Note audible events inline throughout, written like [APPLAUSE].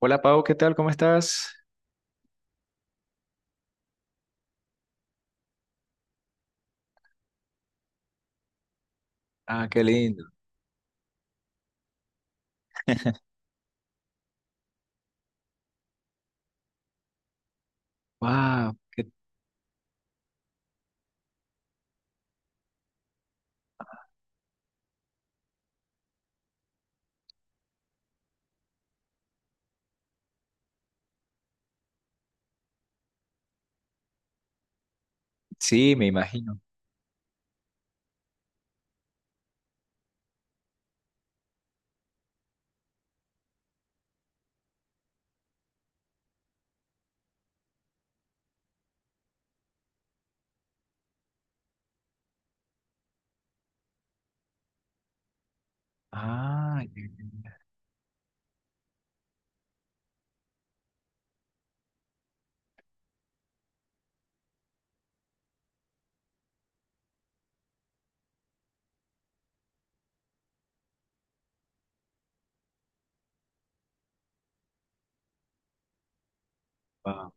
Hola Pau, ¿qué tal? ¿Cómo estás? Ah, qué lindo. Wow, sí, me imagino. Ah, ya, ya, ya. Guau.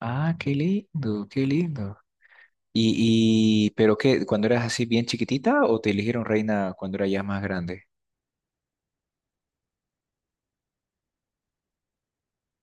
Ah, qué lindo, qué lindo. Y, pero qué, ¿cuando eras así bien chiquitita o te eligieron reina cuando eras ya más grande?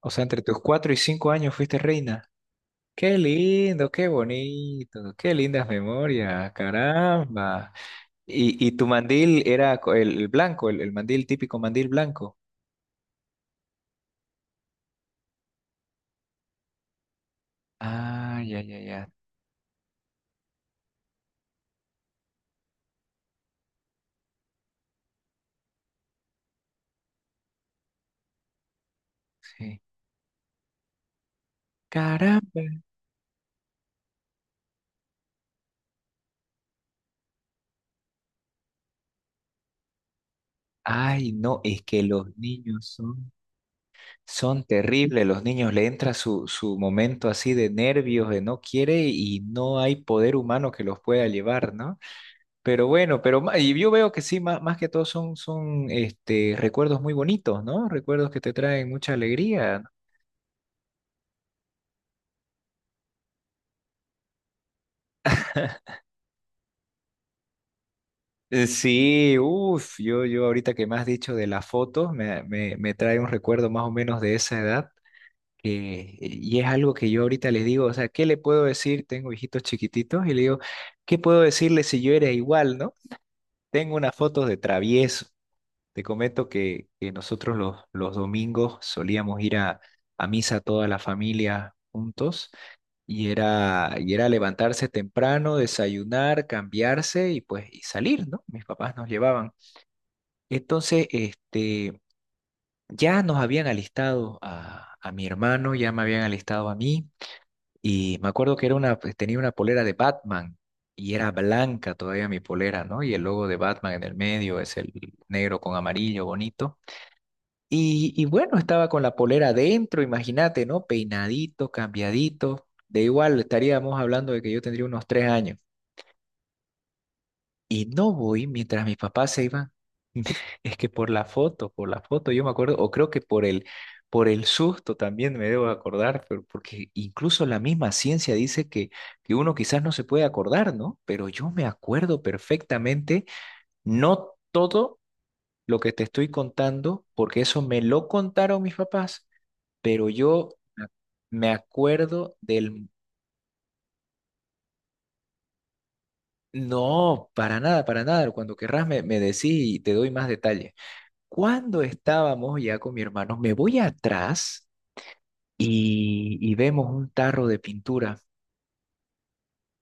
O sea, entre tus 4 y 5 años fuiste reina. Qué lindo, qué bonito, qué lindas memorias, caramba. Y tu mandil era el blanco, el mandil típico mandil blanco. Ah, ya, ya, ya. Sí. Caramba. Ay, no, es que los niños son, terribles, los niños le entra su momento así de nervios, de no quiere y no hay poder humano que los pueda llevar, ¿no? Pero bueno, y yo veo que sí, más, que todo son recuerdos muy bonitos, ¿no? Recuerdos que te traen mucha alegría, ¿no? Sí, uff, yo ahorita que me has dicho de las fotos, me trae un recuerdo más o menos de esa edad. Que- y es algo que yo ahorita les digo, o sea, ¿qué le puedo decir? Tengo hijitos chiquititos y le digo, ¿qué puedo decirle si yo era igual, no? Tengo unas fotos de travieso. Te comento que nosotros los domingos solíamos ir a misa toda la familia juntos y era levantarse temprano, desayunar, cambiarse y pues y salir, ¿no? Mis papás nos llevaban. Entonces, ya nos habían alistado a mi hermano, ya me habían alistado a mí. Y me acuerdo que era una, pues, tenía una polera de Batman y era blanca todavía mi polera, ¿no? Y el logo de Batman en el medio es el negro con amarillo bonito. Y bueno, estaba con la polera adentro, imagínate, ¿no? Peinadito, cambiadito. De igual estaríamos hablando de que yo tendría unos 3 años. Y no voy mientras mis papás se iban. [LAUGHS] Es que por la foto, yo me acuerdo, o creo que por el susto también me debo acordar, pero porque incluso la misma ciencia dice que uno quizás no se puede acordar, ¿no? Pero yo me acuerdo perfectamente, no todo lo que te estoy contando, porque eso me lo contaron mis papás, pero yo me me acuerdo del... No, para nada, para nada. Cuando querrás me decís y te doy más detalle. Cuando estábamos ya con mi hermano, me voy atrás y vemos un tarro de pintura.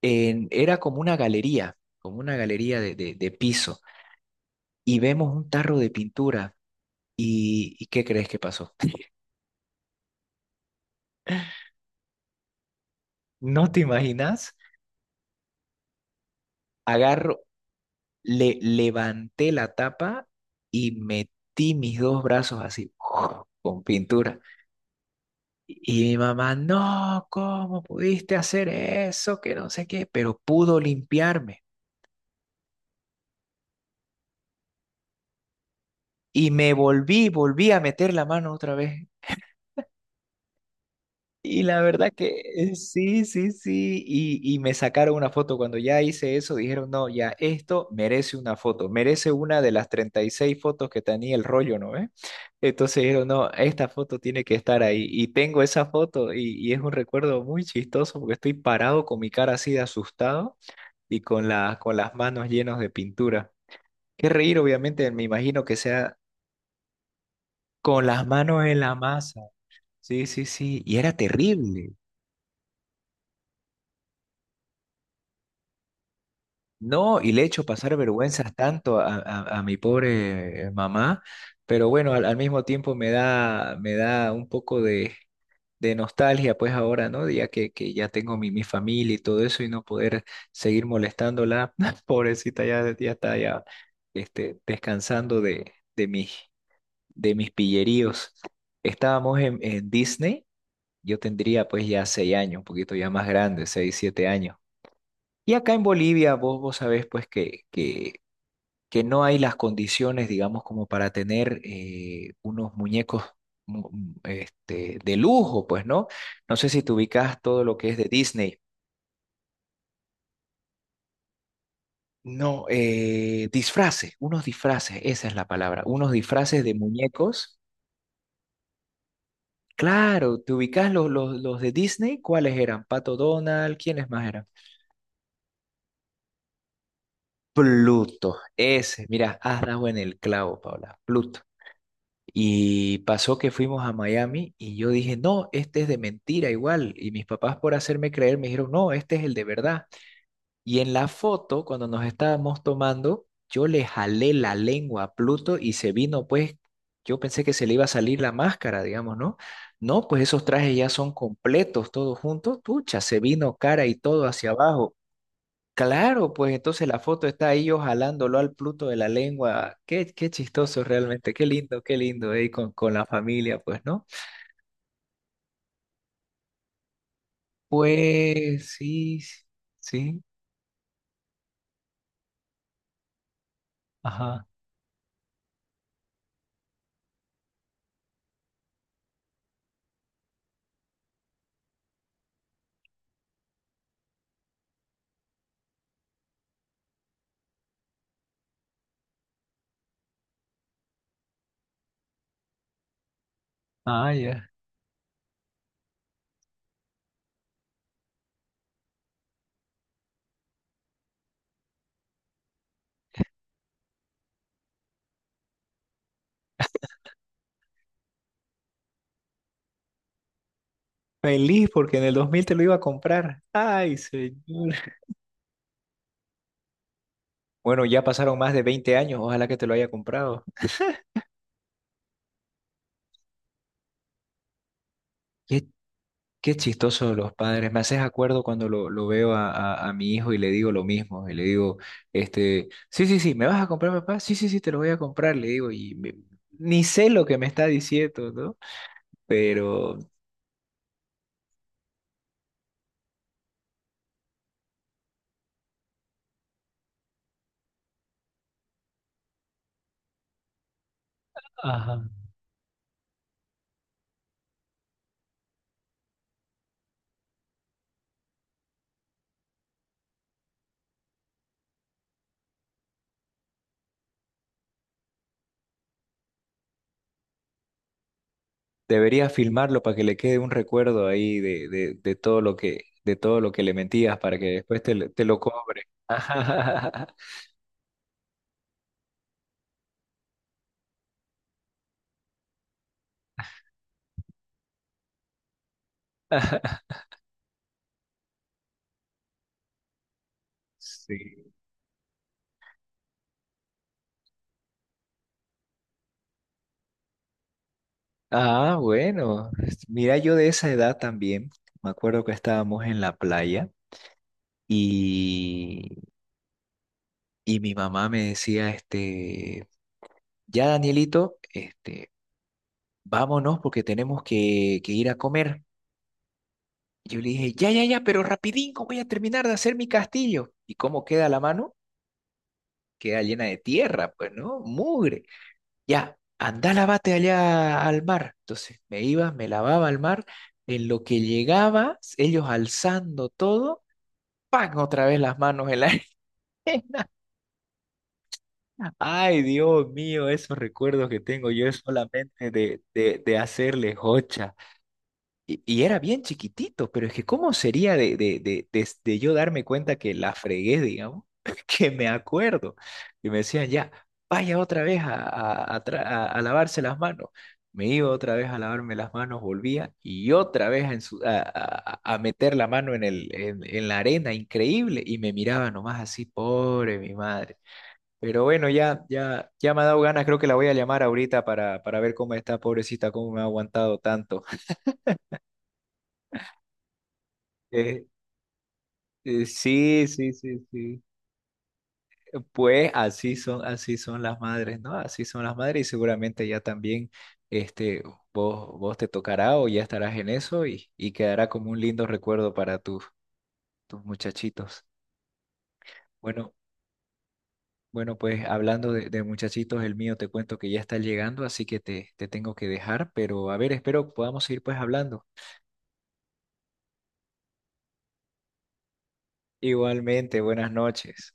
Era como una galería de piso. Y vemos un tarro de pintura. ¿Y qué crees que pasó? [LAUGHS] ¿No te imaginas? Agarro, le levanté la tapa y metí mis dos brazos así, [LAUGHS] con pintura. Y mi mamá, no, ¿cómo pudiste hacer eso? Que no sé qué, pero pudo limpiarme. Y me volví a meter la mano otra vez. Y la verdad que sí, sí, sí. Y me sacaron una foto. Cuando ya hice eso, dijeron, no, ya esto merece una foto. Merece una de las 36 fotos que tenía el rollo, ¿no? ¿Eh? Entonces dijeron, no, esta foto tiene que estar ahí. Y tengo esa foto y es un recuerdo muy chistoso porque estoy parado con mi cara así de asustado y con las manos llenas de pintura. Qué reír, obviamente, me imagino que sea con las manos en la masa. Sí, sí, sí, y era terrible. No, y le he hecho pasar vergüenzas tanto a mi pobre mamá, pero bueno, al mismo tiempo me da un poco de nostalgia, pues ahora, ¿no? Ya que ya tengo mi familia y todo eso y no poder seguir molestándola, [LAUGHS] pobrecita, ya, ya está ya descansando de mis, de mis pilleríos. Estábamos en Disney, yo tendría pues ya 6 años, un poquito ya más grande, 6, 7 años. Y acá en Bolivia, vos sabés pues que no hay las condiciones, digamos, como para tener unos muñecos de lujo, pues, ¿no? No sé si te ubicas todo lo que es de Disney. No, disfraces, unos disfraces, esa es la palabra, unos disfraces de muñecos. Claro, ¿te ubicas los de Disney? ¿Cuáles eran? Pato Donald, ¿quiénes más eran? Pluto, ese, mira, has dado en el clavo, Paula, Pluto. Y pasó que fuimos a Miami y yo dije, no, este es de mentira igual. Y mis papás por hacerme creer me dijeron, no, este es el de verdad. Y en la foto, cuando nos estábamos tomando, yo le jalé la lengua a Pluto y se vino, pues, yo pensé que se le iba a salir la máscara, digamos, ¿no? No, pues esos trajes ya son completos, todos juntos. Pucha, se vino cara y todo hacia abajo. Claro, pues entonces la foto está ahí yo jalándolo al Pluto de la lengua. Qué chistoso realmente, qué lindo, con, la familia, pues, ¿no? Pues sí, sí, ajá, ah, ya. Feliz porque en el 2000 te lo iba a comprar. Ay, señor. Bueno, ya pasaron más de 20 años, ojalá que te lo haya comprado. Qué Qué chistoso los padres. Me haces acuerdo cuando lo veo a mi hijo y le digo lo mismo. Y le digo, sí, sí, sí, ¿me vas a comprar, papá? Sí, sí, sí, te lo voy a comprar. Le digo, ni sé lo que me está diciendo, ¿no? Pero, Ajá. debería filmarlo para que le quede un recuerdo ahí de todo lo que, de todo lo que le mentías para que después te lo cobre. [LAUGHS] Sí. Ah, bueno. Mira, yo de esa edad también, me acuerdo que estábamos en la playa. Y, y mi mamá me decía, ya Danielito, vámonos porque tenemos que ir a comer. Yo le dije, ya, ya, ya, pero rapidín cómo voy a terminar de hacer mi castillo. ¿Y cómo queda la mano? Queda llena de tierra, pues, ¿no? Mugre. Ya, anda, lávate allá al mar. Entonces me iba, me lavaba al mar. En lo que llegaba, ellos alzando todo, ¡pam!, otra vez las manos en la [LAUGHS] arena. Ay, Dios mío, esos recuerdos que tengo yo es solamente de hacerle jocha. Y era bien chiquitito, pero es que ¿cómo sería de yo darme cuenta que la fregué, digamos? [LAUGHS] Que me acuerdo. Y me decían, ya, vaya otra vez a lavarse las manos. Me iba otra vez a lavarme las manos, volvía y otra vez a, ensu- a meter la mano en la arena, increíble. Y me miraba nomás así, pobre mi madre. Pero bueno, ya, ya, ya me ha dado ganas, creo que la voy a llamar ahorita para ver cómo está, pobrecita, cómo me ha aguantado tanto. [LAUGHS] Eh, sí, sí, sí, sí. Pues así son las madres, ¿no? Así son las madres y seguramente ya también, este, vos te tocará o ya estarás en eso y quedará como un lindo recuerdo para tus muchachitos. Bueno, bueno, pues hablando de muchachitos, el mío te cuento que ya está llegando, así que te tengo que dejar, pero a ver, espero podamos seguir pues hablando. Igualmente, buenas noches.